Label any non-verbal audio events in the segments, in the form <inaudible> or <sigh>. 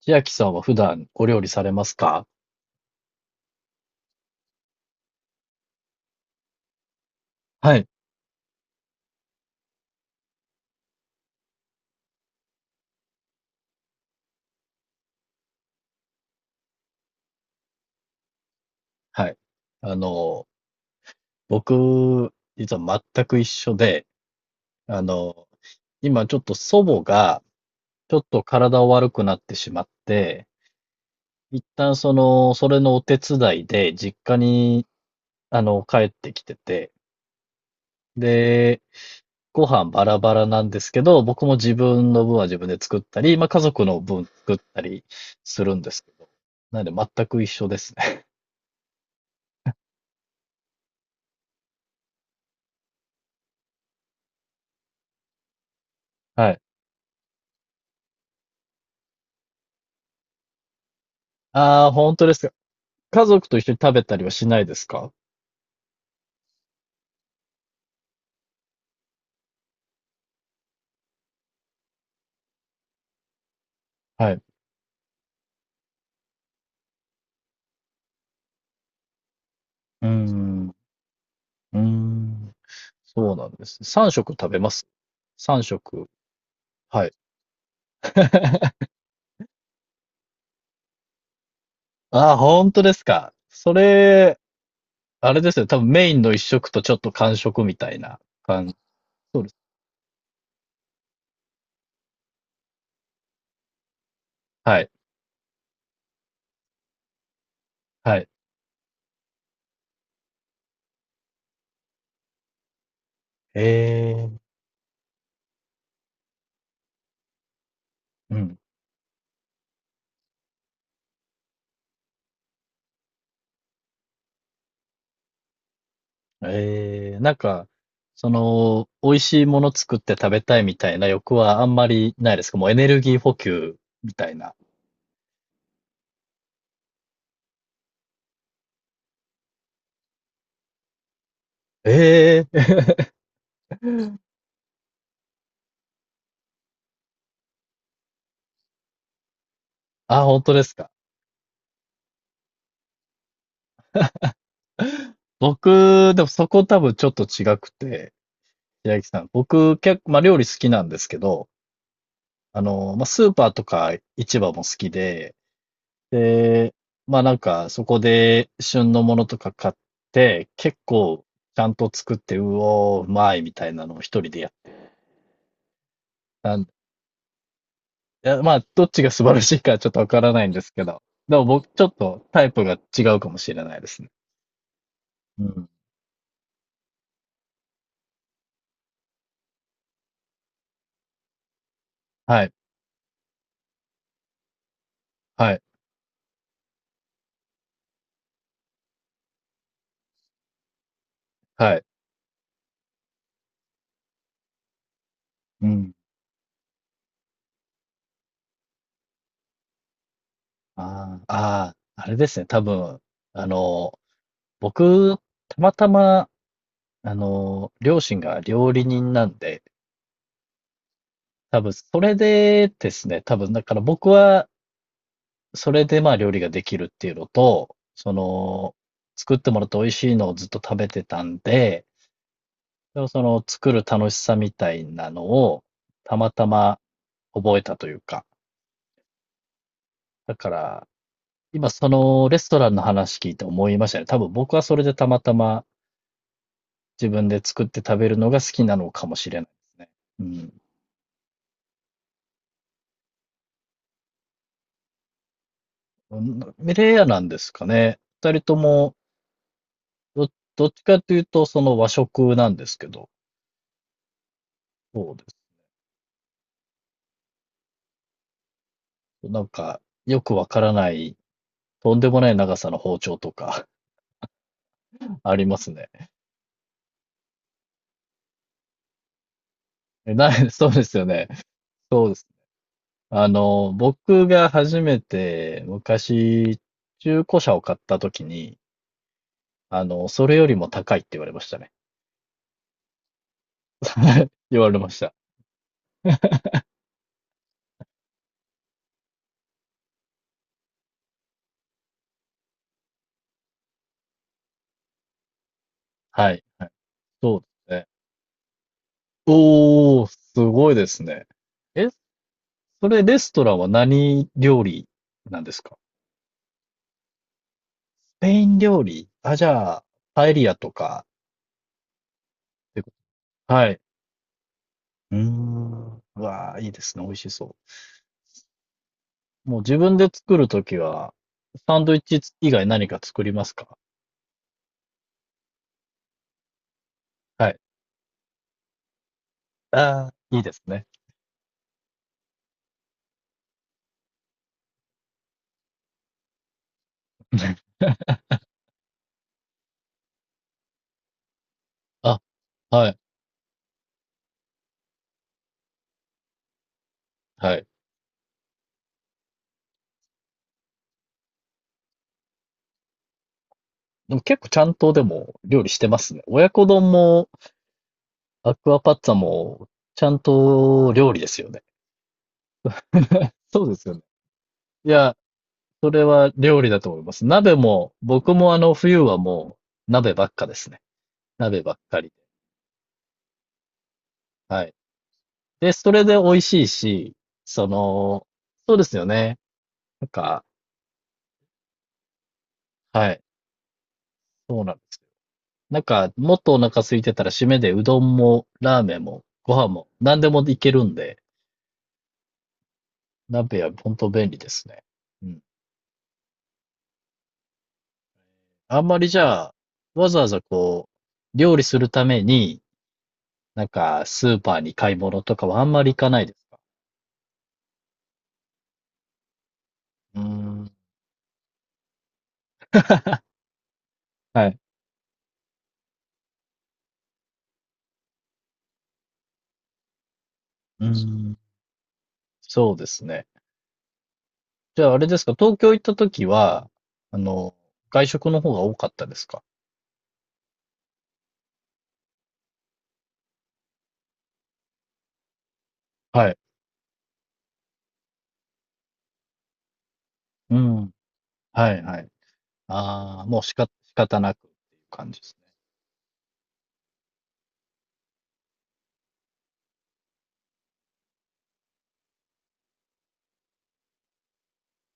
千秋さんは普段お料理されますか？はい。はい。あの、僕、実は全く一緒で、あの、今ちょっと祖母が、ちょっと体を悪くなってしまって、一旦それのお手伝いで実家に、帰ってきてて、で、ご飯バラバラなんですけど、僕も自分の分は自分で作ったり、まあ家族の分作ったりするんですけど、なんで全く一緒ですね。はい。ああ、本当です。家族と一緒に食べたりはしないですか？はい。うーん。うーん。そうなんですね。3食食べます？ 3 食。はい。<laughs> ああ、本当ですか。それ、あれですよね。多分メインの1食とちょっと間食みたいな感じ。そうです。はい。はい。ええ。うん。ええ、なんか、美味しいもの作って食べたいみたいな欲はあんまりないですか？もうエネルギー補給みたいな。ええ。<laughs> あ、本当ですか。<laughs> 僕、でもそこ多分ちょっと違くて、平木さん。僕、結構、まあ料理好きなんですけど、まあスーパーとか市場も好きで、で、まあなんかそこで旬のものとか買って、結構ちゃんと作って、うおー、うまいみたいなのを一人でやったんで、いやまあどっちが素晴らしいかちょっとわからないんですけど、でも僕ちょっとタイプが違うかもしれないですね。うん。はい、はい、はい。うん。ああ、ああ、あれですね。多分、あの、僕、たまたま、両親が料理人なんで、多分、それでですね、多分、だから僕は、それでまあ料理ができるっていうのと、作ってもらって美味しいのをずっと食べてたんで、でも作る楽しさみたいなのを、たまたま覚えたというか、だから、今そのレストランの話聞いて思いましたね。多分僕はそれでたまたま自分で作って食べるのが好きなのかもしれないですね。うん。うレアなんですかね。二人とも、ど、どっちかというと、その和食なんですけど、そうです。なんか、よくわからない、とんでもない長さの包丁とか <laughs> ありますね。えない、<laughs> そうですよね。そうです。僕が初めて昔、中古車を買った時に、それよりも高いって言われましたね。<laughs> 言われました。はい。はい。そうですね。おー、すごいですね。え、それレストランは何料理なんですか？スペイン料理、あ、じゃあ、パエリアとかってこと。はい。うーん。うわー、いいですね。美味しそう。もう自分で作るときは、サンドイッチ以外何か作りますか？はい。ああいいですね。<laughs> あ、はい、はい。でも結構ちゃんとでも料理してますね。親子丼もアクアパッツァもちゃんと料理ですよね。<laughs> そうですよね。いや、それは料理だと思います。鍋も、僕もあの冬はもう鍋ばっかですね。鍋ばっかりで。はい。で、それで美味しいし、その、そうですよね。なんか、はい。そうなんです。なんか、もっとお腹空いてたら締めでうどんもラーメンもご飯も何でもいけるんで、鍋は本当便利ですね。うん。あんまりじゃあ、わざわざこう、料理するために、なんかスーパーに買い物とかはあんまり行かないですか？うーん。はい。うーん。そうですね。じゃあ、あれですか、東京行った時は、あの、外食の方が多かったですか？はい。うん。はいはい。ああ、もうしか、仕方なくっていう感じです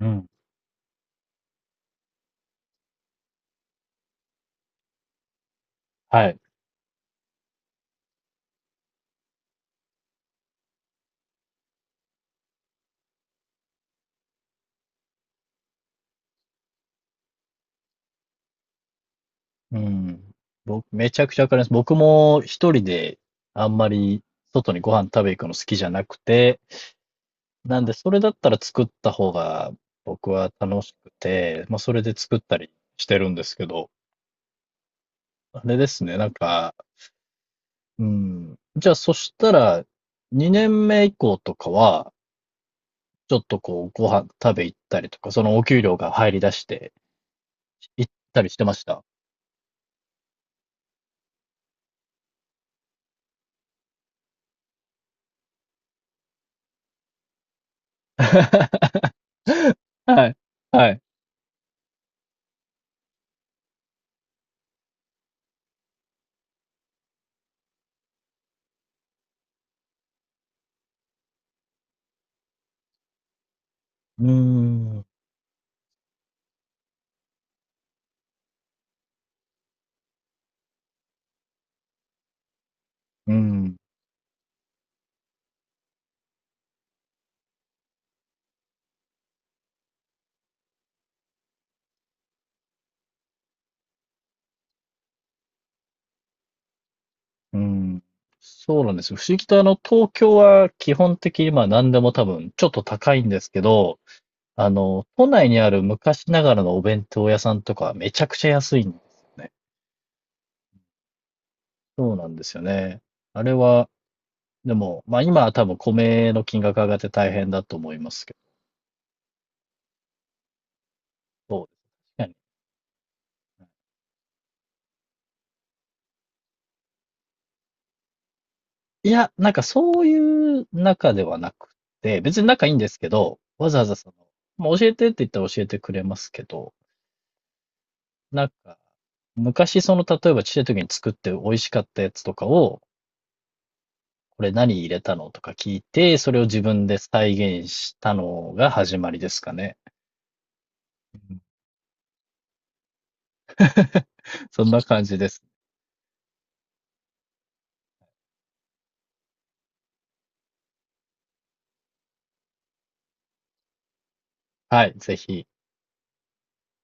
ね。うん。はい。うん。僕、めちゃくちゃわかります。僕も一人であんまり外にご飯食べ行くの好きじゃなくて、なんでそれだったら作った方が僕は楽しくて、まあそれで作ったりしてるんですけど、あれですね、なんか、うん。じゃあ、そしたら、2年目以降とかは、ちょっとこう、ご飯食べ行ったりとか、そのお給料が入り出して行ったりしてました。<laughs> はい。はい。うーん。うん。うん。そうなんですよ。不思議と東京は基本的にまあ何でも多分ちょっと高いんですけど、都内にある昔ながらのお弁当屋さんとかめちゃくちゃ安いんですよね。そうなんですよね。あれはでも、まあ今は多分米の金額上がって大変だと思いますけど、そうですね。いや、なんかそういう中ではなくて、別に仲いいんですけど、わざわざまあ、教えてって言ったら教えてくれますけど、なんか、昔例えばちっちゃい時に作って美味しかったやつとかを、これ何入れたのとか聞いて、それを自分で再現したのが始まりですかね。<laughs> そんな感じです。はい、ぜひ。